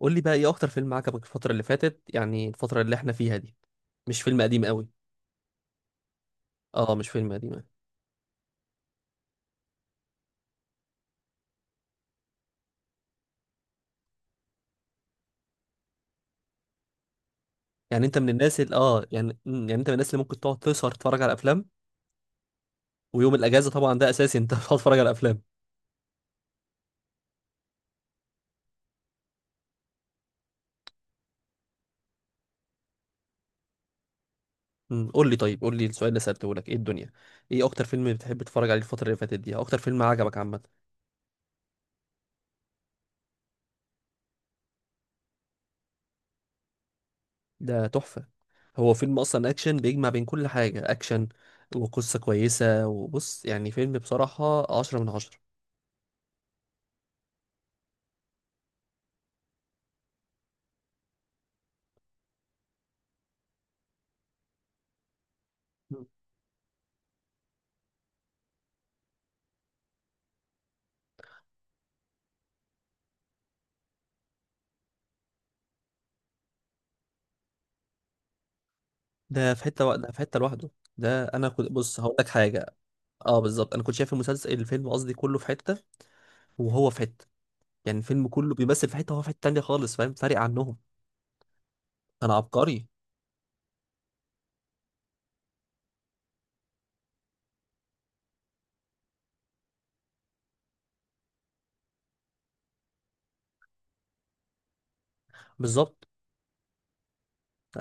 قول لي بقى ايه اكتر فيلم عجبك الفترة اللي فاتت، يعني الفترة اللي احنا فيها دي؟ مش فيلم قديم قوي. اه، مش فيلم قديم قوي. يعني انت من الناس اللي يعني انت من الناس اللي ممكن تقعد تسهر تتفرج على افلام؟ ويوم الاجازة طبعا ده اساسي، انت بتقعد تتفرج على افلام. قول لي طيب، قول لي السؤال اللي سألته لك ايه الدنيا. ايه اكتر فيلم بتحب تتفرج عليه الفترة اللي فاتت دي، أو اكتر فيلم عجبك عامة؟ ده تحفة. هو فيلم اصلا اكشن بيجمع بين كل حاجة، اكشن وقصة كويسة، وبص يعني فيلم بصراحة عشرة من عشرة. ده في حته لوحده. ده انا كنت بص هقول لك حاجه. اه، بالظبط، انا كنت شايف المسلسل الفيلم قصدي كله في حته وهو في حته. يعني الفيلم كله بيمثل في حته وهو في حته تانيه خالص، فاهم؟ فارق عنهم. انا عبقري. بالظبط.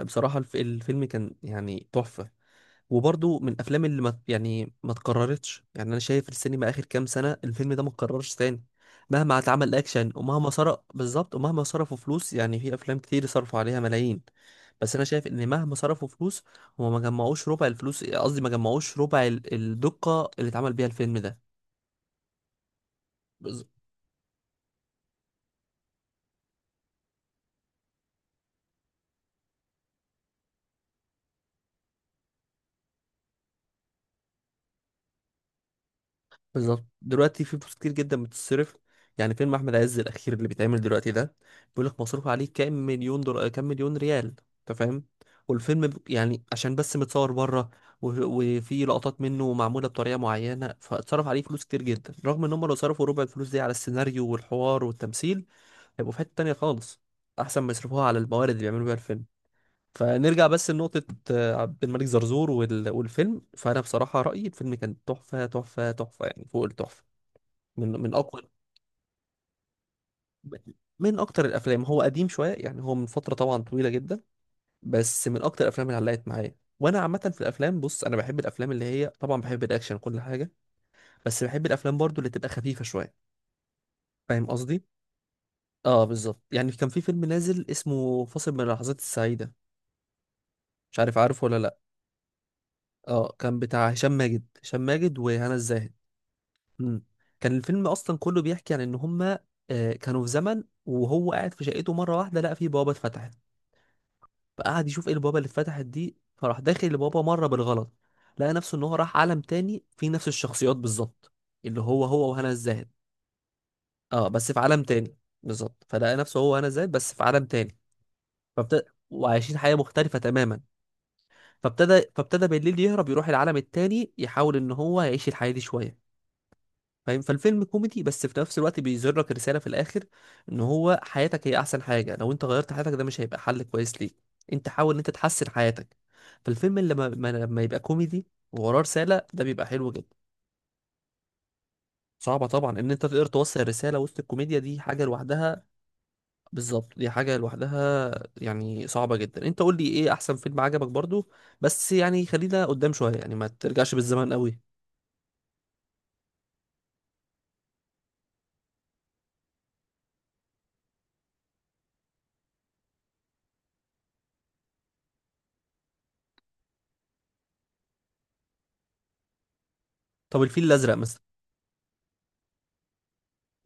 بصراحه الفيلم كان يعني تحفه. وبرضو من الافلام اللي ما اتكررتش. يعني انا شايف السينما اخر كام سنه، الفيلم ده ما اتكررش تاني. مهما اتعمل اكشن، ومهما صرف، بالظبط، ومهما صرفوا فلوس. يعني في افلام كتير صرفوا عليها ملايين. بس انا شايف ان مهما صرفوا فلوس، هما ما جمعوش ربع الفلوس، قصدي ما جمعوش ربع الدقه اللي اتعمل بيها الفيلم ده. بالظبط، دلوقتي في فلوس كتير جدا بتتصرف. يعني فيلم احمد عز الاخير اللي بيتعمل دلوقتي ده، بيقول لك مصروف عليه كام مليون دولار، كام مليون ريال. انت فاهم؟ والفيلم عشان بس متصور بره، وفي لقطات منه معموله بطريقه معينه، فاتصرف عليه فلوس كتير جدا، رغم ان هم لو صرفوا ربع الفلوس دي على السيناريو والحوار والتمثيل، هيبقوا في حته تانيه خالص، احسن ما يصرفوها على الموارد اللي بيعملوا بيها الفيلم. فنرجع بس لنقطة عبد الملك زرزور والفيلم. فأنا بصراحة رأيي الفيلم كان تحفة تحفة تحفة، يعني فوق التحفة. من من اقوى من اكتر الافلام. هو قديم شويه، يعني هو من فتره طبعا طويله جدا، بس من اكتر الافلام اللي علقت معايا. وانا عامه في الافلام، بص انا بحب الافلام اللي هي طبعا، بحب الاكشن كل حاجه، بس بحب الافلام برضو اللي تبقى خفيفه شويه، فاهم قصدي؟ اه، بالظبط. يعني كان في فيلم نازل اسمه فاصل من اللحظات السعيده، مش عارف عارفه ولا لا. اه، كان بتاع هشام ماجد، وهنا الزاهد. مم. كان الفيلم اصلا كله بيحكي عن ان هما كانوا في زمن، وهو قاعد في شقته مره واحده لقى فيه بوابه اتفتحت، فقعد يشوف ايه البوابه اللي اتفتحت دي، فراح داخل البوابه مره بالغلط، لقى نفسه ان هو راح عالم تاني فيه نفس الشخصيات بالظبط، اللي هو هو وهنا الزاهد. اه، بس في عالم تاني. بالظبط، فلقى نفسه هو وهنا الزاهد بس في عالم تاني. فابتدى وعايشين حياه مختلفه تماما. فابتدى بالليل يهرب يروح العالم التاني، يحاول ان هو يعيش الحياه دي شويه، فاهم؟ فالفيلم كوميدي، بس في نفس الوقت بيظهر لك رسالة في الآخر، إن هو حياتك هي أحسن حاجة، لو أنت غيرت حياتك ده مش هيبقى حل كويس ليك، أنت حاول إن أنت تحسن حياتك. فالفيلم اللي لما ما- لما يبقى كوميدي ووراه رسالة، ده بيبقى حلو جدا. صعبة طبعا إن أنت تقدر توصل الرسالة وسط الكوميديا، دي حاجة لوحدها. بالظبط، دي حاجة لوحدها. يعني صعبة جدا. أنت قول لي إيه أحسن فيلم عجبك برضو، بس يعني خلينا قدام شوية، يعني ما ترجعش بالزمن قوي. طب الفيل الأزرق مثلا؟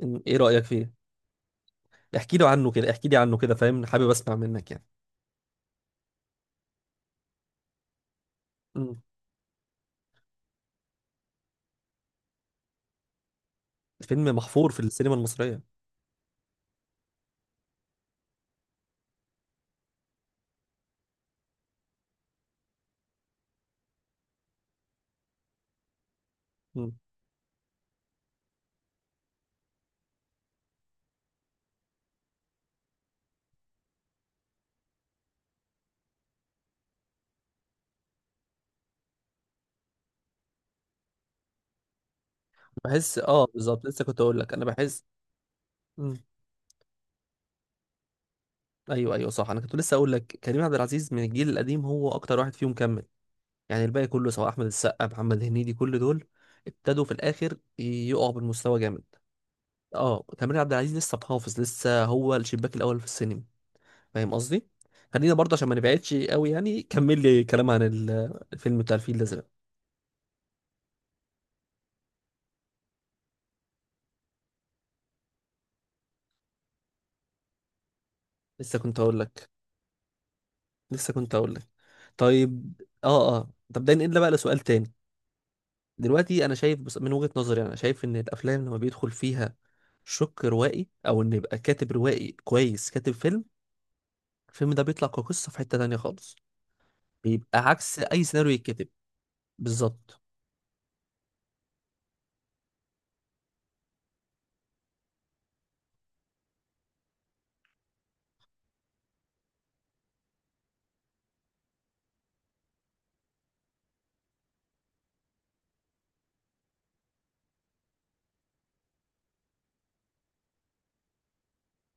إيه رأيك فيه؟ احكي له عنه كده، احكي لي عنه كده، فاهم؟ حابب اسمع منك يعني. مم. الفيلم محفور في السينما المصرية. مم. بحس اه بالظبط، لسه كنت اقول لك انا بحس. مم. ايوه، ايوه، صح، انا كنت لسه اقول لك كريم عبد العزيز من الجيل القديم هو اكتر واحد فيهم كمل. يعني الباقي كله، سواء احمد السقا، محمد هنيدي، كل دول ابتدوا في الاخر يقعوا بالمستوى جامد. اه، كريم عبد العزيز لسه محافظ، لسه هو الشباك الاول في السينما، فاهم قصدي؟ خلينا برضه عشان ما نبعدش قوي، يعني كمل لي كلام عن الفيلم بتاع الفيل الازرق. لسه كنت اقول لك لسه كنت اقول لك. طيب. اه، اه، طب ده ننقل بقى لسؤال تاني. دلوقتي انا شايف، بس من وجهة نظري، انا شايف ان الافلام لما بيدخل فيها شق روائي، او ان يبقى كاتب روائي كويس كاتب فيلم، الفيلم ده بيطلع كقصة في حتة تانية خالص، بيبقى عكس اي سيناريو يتكتب. بالظبط،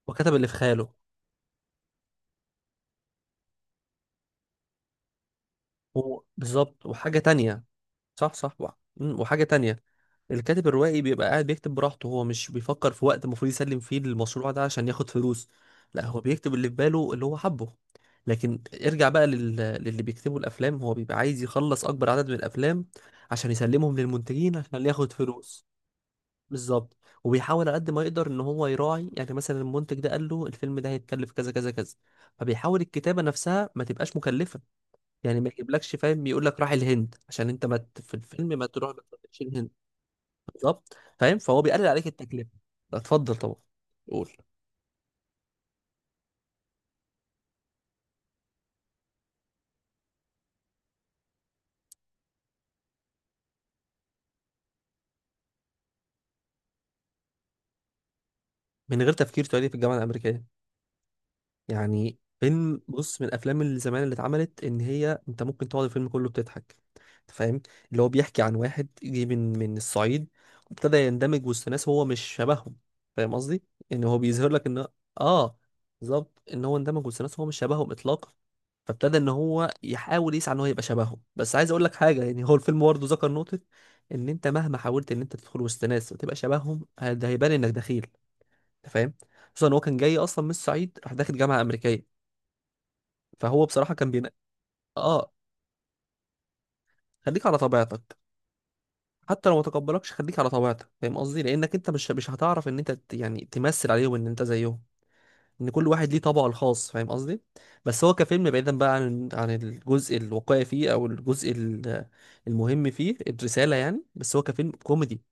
وكتب اللي في خياله. هو بالظبط، وحاجة تانية. صح، صح، وحاجة تانية. الكاتب الروائي بيبقى قاعد بيكتب براحته، هو مش بيفكر في وقت المفروض يسلم فيه المشروع ده عشان ياخد فلوس، لا هو بيكتب اللي في باله اللي هو حبه. لكن ارجع بقى للي بيكتبوا الافلام، هو بيبقى عايز يخلص اكبر عدد من الافلام عشان يسلمهم للمنتجين عشان ياخد فلوس. بالظبط. وبيحاول على قد ما يقدر ان هو يراعي، يعني مثلا المنتج ده قال له الفيلم ده هيتكلف كذا كذا كذا، فبيحاول الكتابة نفسها ما تبقاش مكلفة. يعني ما يجيبلكش، فاهم، يقول لك راح الهند، عشان انت ما ت- في الفيلم ما تروحش الهند. بالظبط، فاهم؟ فهو بيقلل عليك التكلفه. اتفضل طبعا. قول. من غير تفكير، تعالي في الجامعه الامريكيه. يعني فيلم، بص من الافلام اللي زمان اللي اتعملت، ان هي انت ممكن تقعد الفيلم كله بتضحك، انت فاهم؟ اللي هو بيحكي عن واحد جه من الصعيد، وابتدى يندمج وسط ناس هو مش شبههم، فاهم قصدي؟ ان هو بيظهر لك ان، اه بالظبط، ان هو اندمج وسط ناس هو مش شبههم اطلاقا. فابتدى ان هو يحاول يسعى ان هو يبقى شبههم. بس عايز اقول لك حاجه، يعني هو الفيلم برضه ذكر نقطه، ان انت مهما حاولت ان انت تدخل وسط ناس وتبقى شبههم، ده هيبان انك دخيل، انت فاهم؟ خصوصا ان هو كان جاي اصلا من الصعيد راح داخل جامعه امريكيه. فهو بصراحه كان بين اه خليك على طبيعتك، حتى لو ما تقبلكش خليك على طبيعتك، فاهم قصدي؟ لانك انت مش هتعرف ان انت يعني تمثل عليهم ان انت زيهم، ان كل واحد ليه طبعه الخاص، فاهم قصدي؟ بس هو كفيلم، بعيدا بقى عن الجزء الواقعي فيه، او المهم فيه الرساله يعني. بس هو كفيلم كوميدي،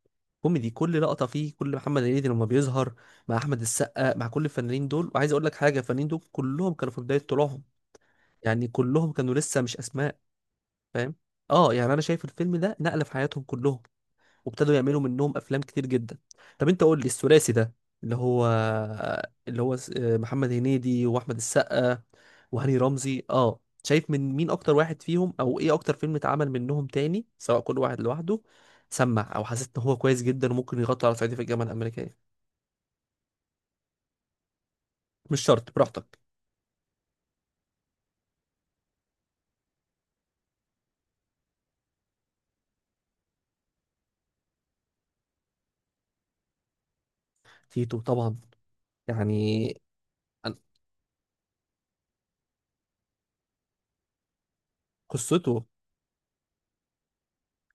كوميدي كل لقطه فيه، كل محمد هنيدي لما بيظهر مع احمد السقا، مع كل الفنانين دول. وعايز اقول لك حاجه، الفنانين دول كلهم كانوا في بدايه طلوعهم، يعني كلهم كانوا لسه مش اسماء، فاهم؟ اه، يعني انا شايف الفيلم ده نقله في حياتهم كلهم، وابتدوا يعملوا منهم افلام كتير جدا. طب انت قول لي الثلاثي ده، اللي هو اللي هو محمد هنيدي واحمد السقا وهاني رمزي، اه شايف من مين اكتر واحد فيهم، او ايه اكتر فيلم اتعمل منهم تاني، سواء كل واحد لوحده سمع، او حسيت ان هو كويس جدا وممكن يغطي على صعيدي في الجامعه الامريكيه؟ مش شرط، براحتك. تيتو طبعا. يعني أنا- قصته.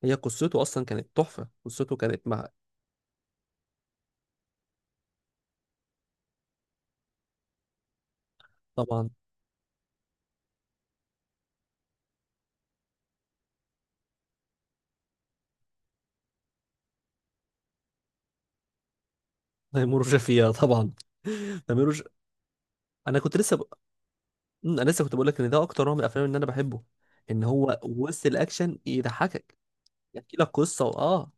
هي قصته اصلا كانت تحفه. قصته كانت مع، طبعا. تيمور وشفيقة طبعا. تاميروج. انا كنت لسه ب... مم، انا لسه كنت بقول لك ان ده اكتر نوع من الافلام اللي انا بحبه، ان هو وسط الاكشن يضحكك، يحكي لك قصه واه